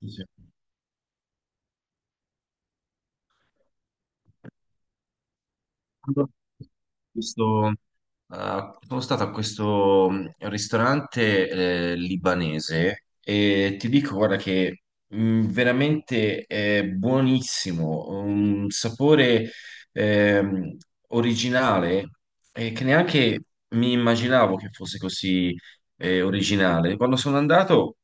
Sì, sì. Allora, questo, sono stato a questo ristorante libanese e ti dico, guarda, che veramente è buonissimo, un sapore ehm, originale che neanche mi immaginavo che fosse così originale. Quando sono andato.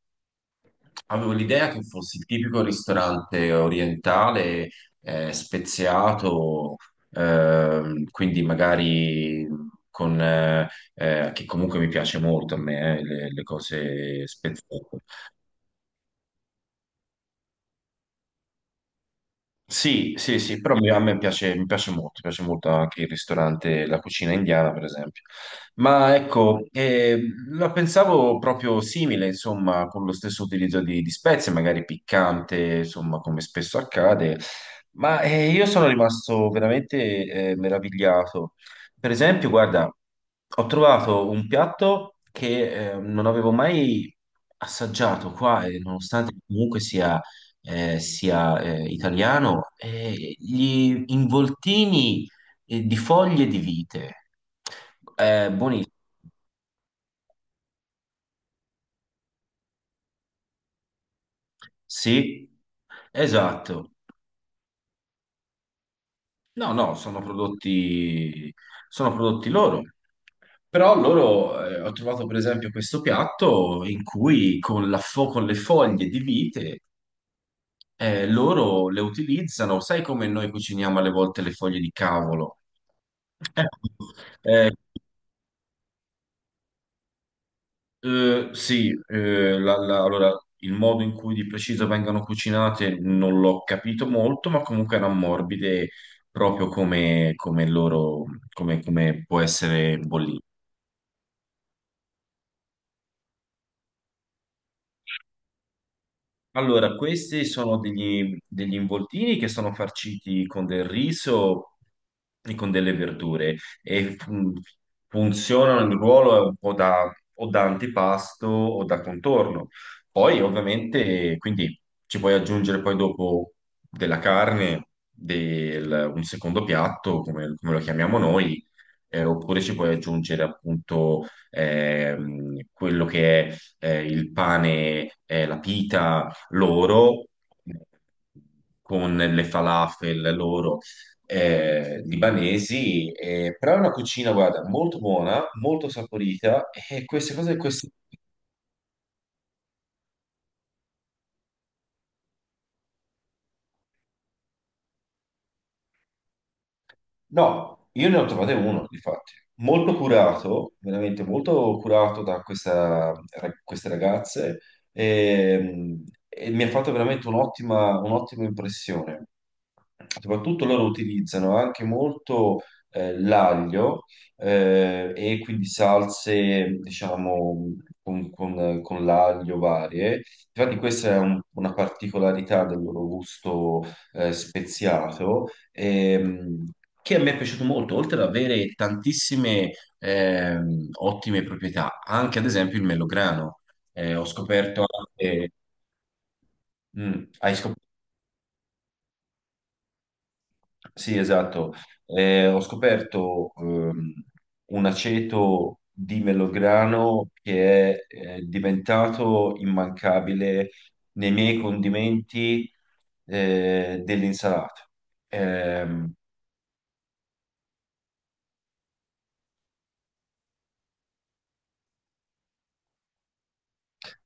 Avevo l'idea che fosse il tipico ristorante orientale, speziato, quindi magari con, che comunque mi piace molto a me, le cose speziate. Sì, sì, sì, però a me piace, mi piace molto anche il ristorante, la cucina indiana, per esempio. Ma ecco, la pensavo proprio simile, insomma, con lo stesso utilizzo di spezie, magari piccante, insomma, come spesso accade, ma io sono rimasto veramente meravigliato. Per esempio, guarda, ho trovato un piatto che non avevo mai assaggiato qua, e nonostante comunque sia italiano, gli involtini di foglie di vite. Buonissimo. Sì, esatto. No, no, sono prodotti loro. Però loro, ho trovato per esempio questo piatto in cui con le foglie di vite, loro le utilizzano, sai come noi cuciniamo alle volte le foglie di cavolo? Ecco, eh, sì, allora il modo in cui di preciso vengano cucinate non l'ho capito molto, ma comunque erano morbide proprio come loro, come può essere bollito. Allora, questi sono degli involtini che sono farciti con del riso e con delle verdure e funzionano il ruolo un po' o da antipasto o da contorno. Poi, ovviamente, quindi ci puoi aggiungere poi dopo della carne, un secondo piatto, come lo chiamiamo noi, oppure ci puoi aggiungere appunto quello che è il pane, la pita loro con le falafel loro libanesi, però è una cucina, guarda, molto buona, molto saporita e queste cose, queste. No, io ne ho trovate uno, infatti, molto curato, veramente molto curato da queste ragazze e, e mi ha fatto veramente un'ottima impressione. Soprattutto loro utilizzano anche molto l'aglio e quindi salse, diciamo, con l'aglio varie. Infatti questa è una particolarità del loro gusto speziato, che a me è piaciuto molto, oltre ad avere tantissime ottime proprietà, anche ad esempio il melograno. Ho scoperto anche. Hai scoperto. Sì, esatto. Ho scoperto un aceto di melograno che è diventato immancabile nei miei condimenti dell'insalata. Ehm,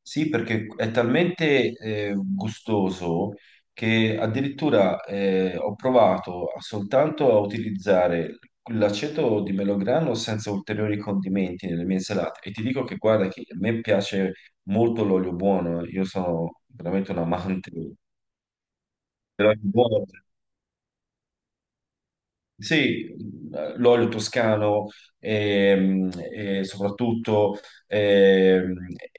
Sì, perché è talmente gustoso che addirittura ho provato soltanto a utilizzare l'aceto di melograno senza ulteriori condimenti nelle mie insalate. E ti dico che guarda che a me piace molto l'olio buono, io sono veramente un amante dell'olio buono. Sì, l'olio toscano e, soprattutto ehm,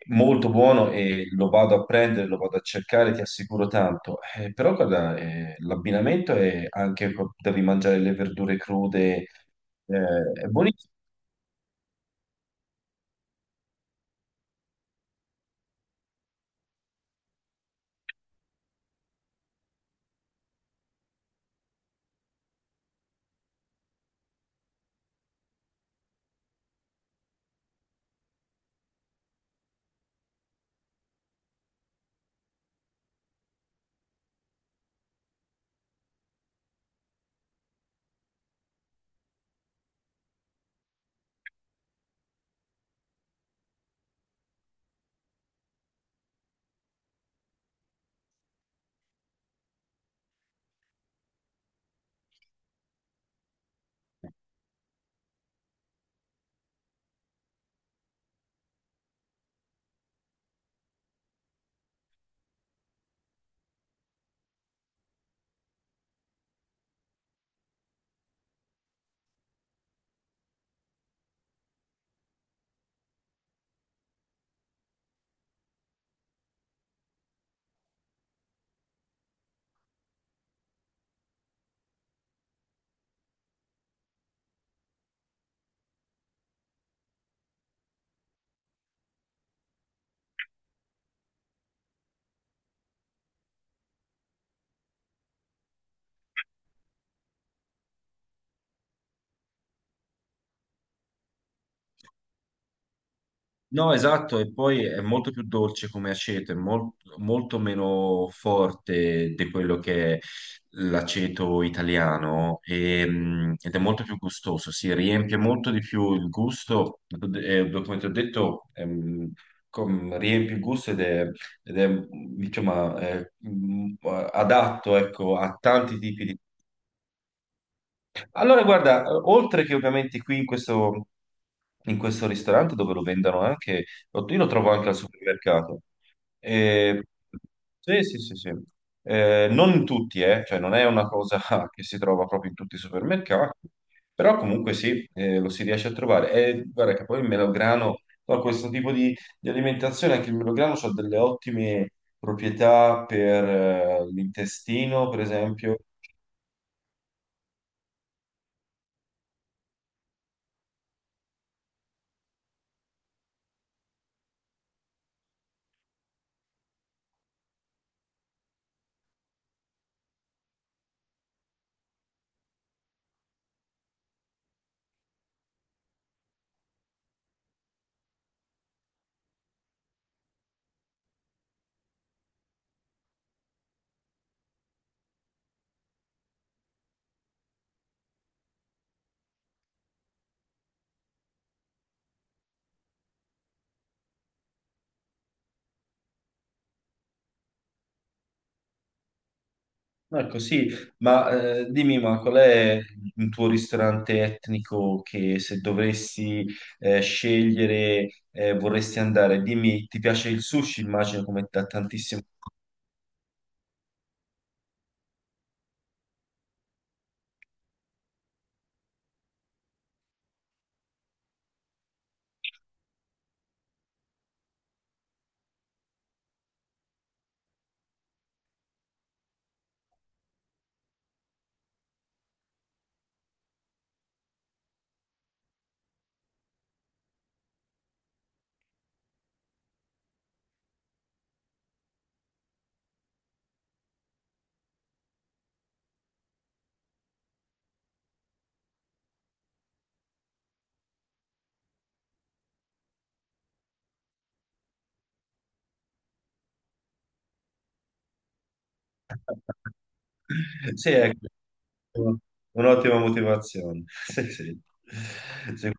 molto buono e lo vado a prendere, lo vado a cercare, ti assicuro tanto. Però guarda, l'abbinamento è anche, devi mangiare le verdure crude, è buonissimo. No, esatto, e poi è molto più dolce come aceto, è molto meno forte di quello che è l'aceto italiano e, ed è molto più gustoso, si riempie molto di più il gusto, come ti ho detto, riempie il gusto ed è, diciamo, adatto, ecco, a tanti tipi di. Allora, guarda, oltre che ovviamente qui in questo ristorante dove lo vendono anche, io lo trovo anche al supermercato. E- sì, sì, sì, sì. Non in tutti, cioè non è una cosa che si trova proprio in tutti i supermercati, però comunque sì, lo si riesce a trovare. E guarda che poi il melograno, no, questo tipo di alimentazione, anche il melograno ha delle ottime proprietà per l'intestino, per esempio. Ecco, sì, ma dimmi, ma qual è il tuo ristorante etnico che se dovresti scegliere vorresti andare? Dimmi, ti piace il sushi? Immagino come da tantissimo. Sì, ecco, un'ottima motivazione. Sì, sì. Sì.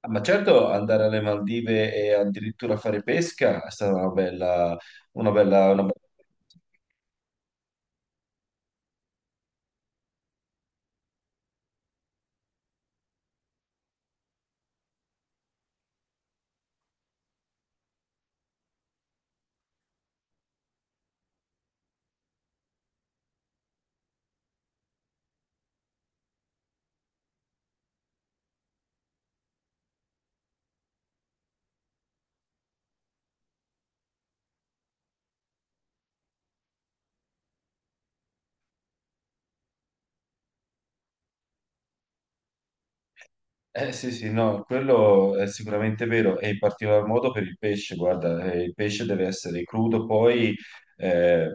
Ah, ma certo, andare alle Maldive e addirittura fare pesca è stata una bella, una bella, una bella. Eh sì, sì, no, quello è sicuramente vero, e in particolar modo per il pesce, guarda, il pesce deve essere crudo, poi eh,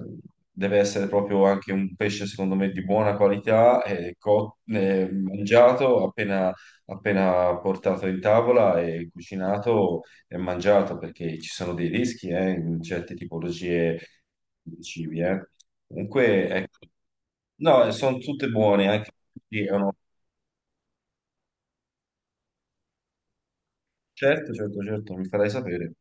deve essere proprio anche un pesce, secondo me, di buona qualità, mangiato appena, appena portato in tavola e cucinato e mangiato, perché ci sono dei rischi in certe tipologie di cibi. Comunque, ecco, no, sono tutte buone, anche sì, è certo, certo, certo, mi farai sapere.